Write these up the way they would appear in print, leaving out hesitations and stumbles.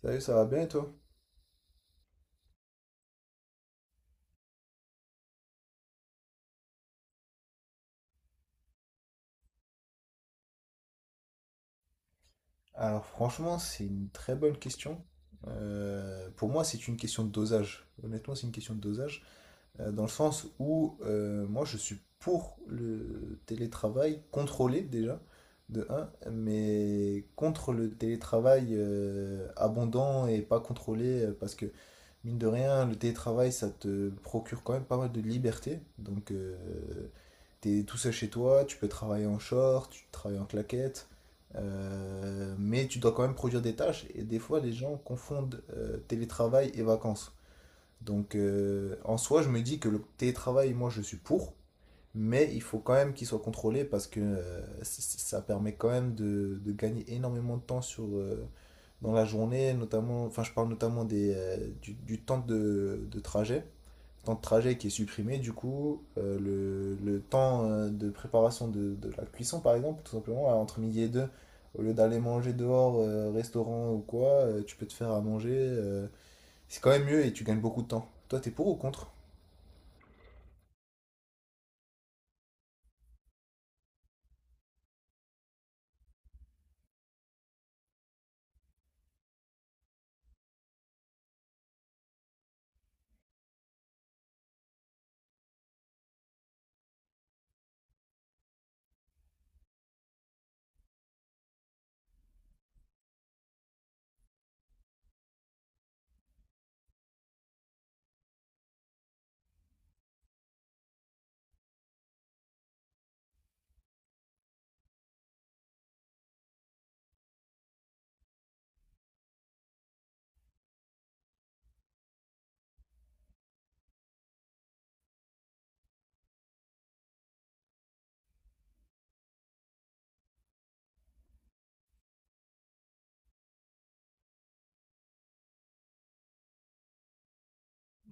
Salut, ça va bien et toi? Alors franchement, c'est une très bonne question. Pour moi, c'est une question de dosage. Honnêtement, c'est une question de dosage. Dans le sens où moi, je suis pour le télétravail contrôlé déjà, de un, mais contre le télétravail abondant et pas contrôlé, parce que mine de rien, le télétravail, ça te procure quand même pas mal de liberté. Donc t'es tout seul chez toi, tu peux travailler en short, tu travailles en claquette, mais tu dois quand même produire des tâches. Et des fois, les gens confondent télétravail et vacances. Donc en soi, je me dis que le télétravail, moi, je suis pour, mais il faut quand même qu'il soit contrôlé parce que ça permet quand même de gagner énormément de temps sur dans la journée, notamment, enfin, je parle notamment du temps de trajet, ce temps de trajet qui est supprimé, du coup, le temps de préparation de la cuisson, par exemple, tout simplement, entre midi et deux, au lieu d'aller manger dehors, restaurant ou quoi, tu peux te faire à manger. C'est quand même mieux et tu gagnes beaucoup de temps. Toi, t'es pour ou contre?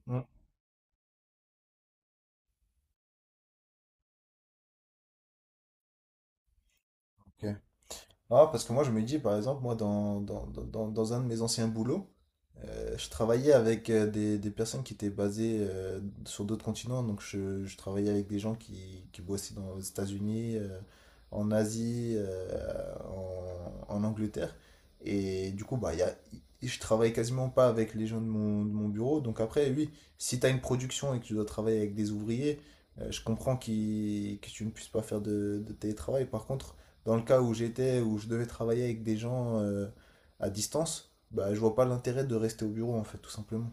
Mm. Ok. Ah, parce que moi, je me dis, par exemple, moi, dans un de mes anciens boulots, je travaillais avec des personnes qui étaient basées sur d'autres continents. Donc, je travaillais avec des gens qui bossaient aux États-Unis, en Asie, en Angleterre. Et du coup, bah, il y a, je travaille quasiment pas avec les gens de mon bureau. Donc, après, oui, si tu as une production et que tu dois travailler avec des ouvriers, je comprends que tu ne puisses pas faire de télétravail. Par contre, dans le cas où j'étais, où je devais travailler avec des gens à distance, bah, je vois pas l'intérêt de rester au bureau, en fait, tout simplement.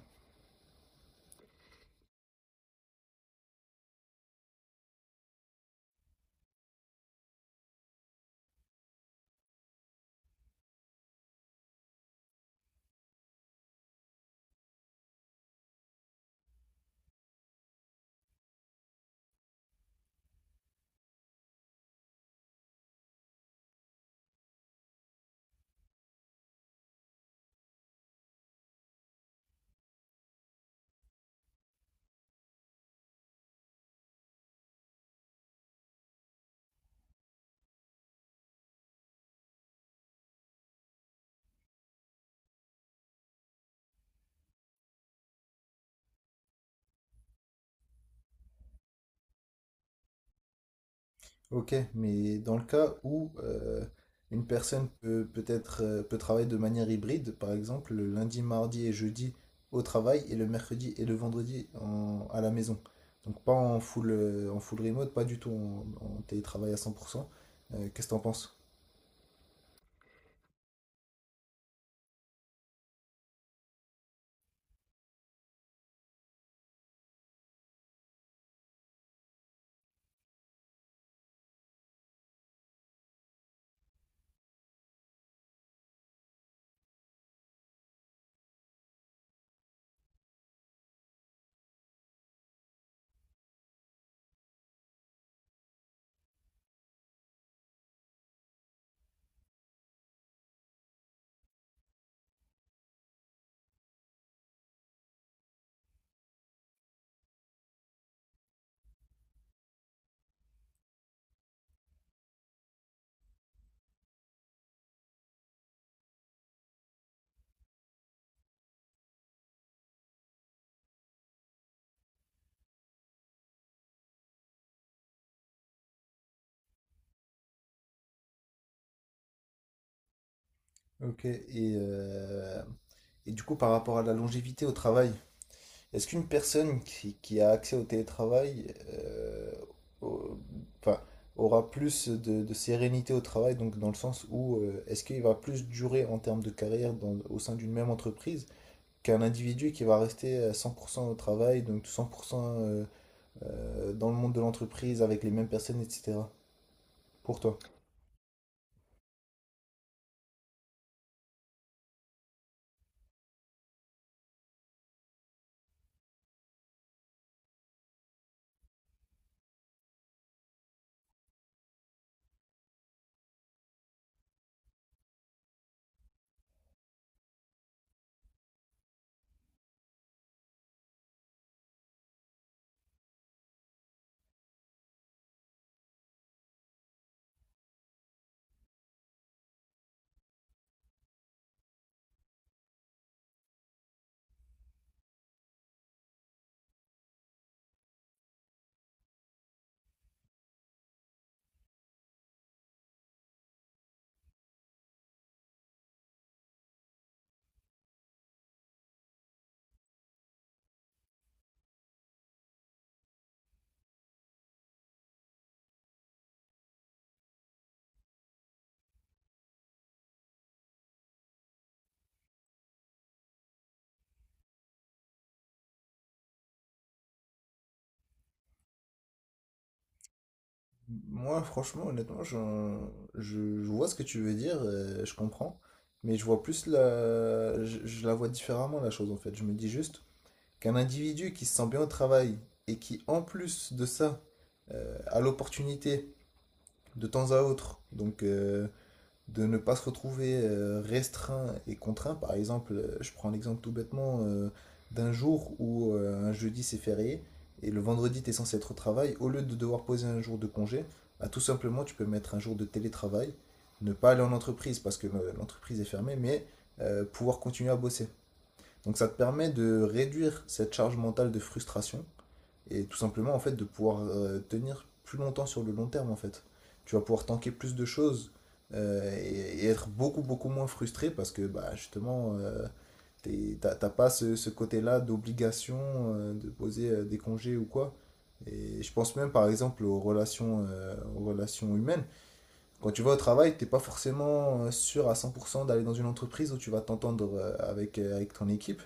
Ok, mais dans le cas où une personne peut peut travailler de manière hybride, par exemple le lundi, mardi et jeudi au travail et le mercredi et le vendredi à la maison. Donc pas en en full remote, pas du tout en télétravail à 100%. Qu'est-ce que t'en penses? Ok, et du coup par rapport à la longévité au travail, est-ce qu'une personne qui a accès au télétravail au- enfin, aura plus de sérénité au travail, donc dans le sens où est-ce qu'il va plus durer en termes de carrière au sein d'une même entreprise qu'un individu qui va rester à 100% au travail, donc 100% dans le monde de l'entreprise avec les mêmes personnes, etc. Pour toi? Moi, franchement, honnêtement, je vois ce que tu veux dire, je comprends, mais je vois plus je la vois différemment la chose en fait. Je me dis juste qu'un individu qui se sent bien au travail et qui, en plus de ça, a l'opportunité de temps à autre, de ne pas se retrouver restreint et contraint. Par exemple, je prends l'exemple tout bêtement d'un jour où un jeudi c'est férié et le vendredi tu es censé être au travail. Au lieu de devoir poser un jour de congé, bah, tout simplement tu peux mettre un jour de télétravail, ne pas aller en entreprise parce que l'entreprise est fermée, mais pouvoir continuer à bosser. Donc ça te permet de réduire cette charge mentale de frustration et tout simplement en fait de pouvoir tenir plus longtemps sur le long terme en fait. Tu vas pouvoir tanker plus de choses être beaucoup beaucoup moins frustré parce que bah justement t'as pas ce côté-là d'obligation de poser des congés ou quoi. Et je pense même par exemple aux aux relations humaines. Quand tu vas au travail, t'es pas forcément sûr à 100% d'aller dans une entreprise où tu vas t'entendre avec ton équipe.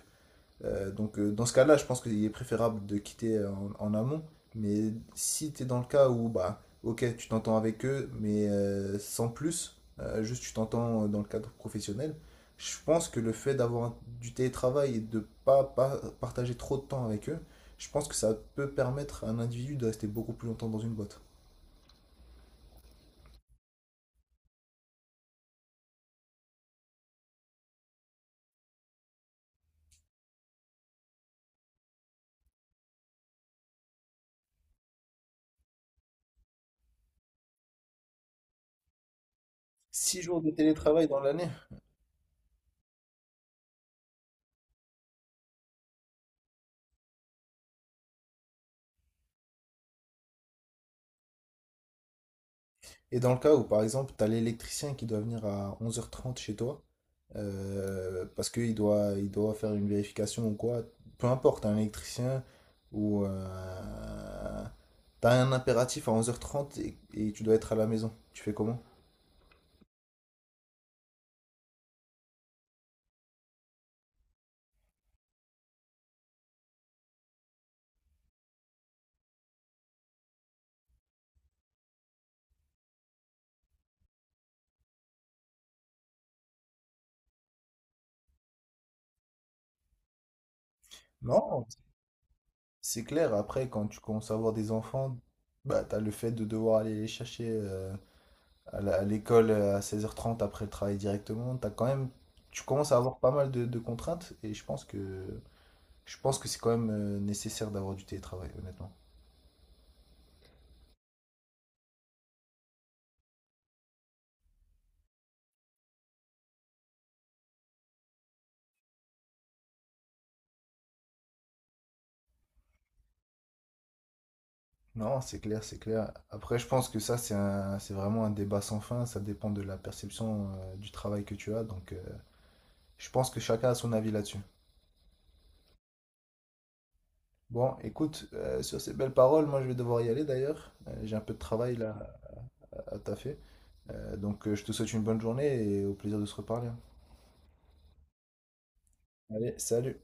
Dans ce cas-là, je pense qu'il est préférable de quitter en amont. Mais si tu es dans le cas où, bah, ok, tu t'entends avec eux, mais sans plus, juste tu t'entends dans le cadre professionnel, je pense que le fait d'avoir du télétravail et de pas partager trop de temps avec eux, je pense que ça peut permettre à un individu de rester beaucoup plus longtemps dans une boîte. 6 jours de télétravail dans l'année. Et dans le cas où, par exemple, tu as l'électricien qui doit venir à 11h30 chez toi, parce il doit faire une vérification ou quoi. Peu importe, un électricien ou. T'as un impératif à 11h30 et tu dois être à la maison. Tu fais comment? Non, c'est clair. Après, quand tu commences à avoir des enfants, bah, t'as le fait de devoir aller les chercher à l'école à 16h30 après le travail directement. T'as quand même, tu commences à avoir pas mal de contraintes et je pense que c'est quand même nécessaire d'avoir du télétravail, honnêtement. Non, c'est clair, c'est clair. Après, je pense que ça, c'est vraiment un débat sans fin. Ça dépend de la perception du travail que tu as. Je pense que chacun a son avis là-dessus. Bon, écoute, sur ces belles paroles, moi, je vais devoir y aller d'ailleurs. J'ai un peu de travail là à taffer. Je te souhaite une bonne journée et au plaisir de se reparler. Allez, salut.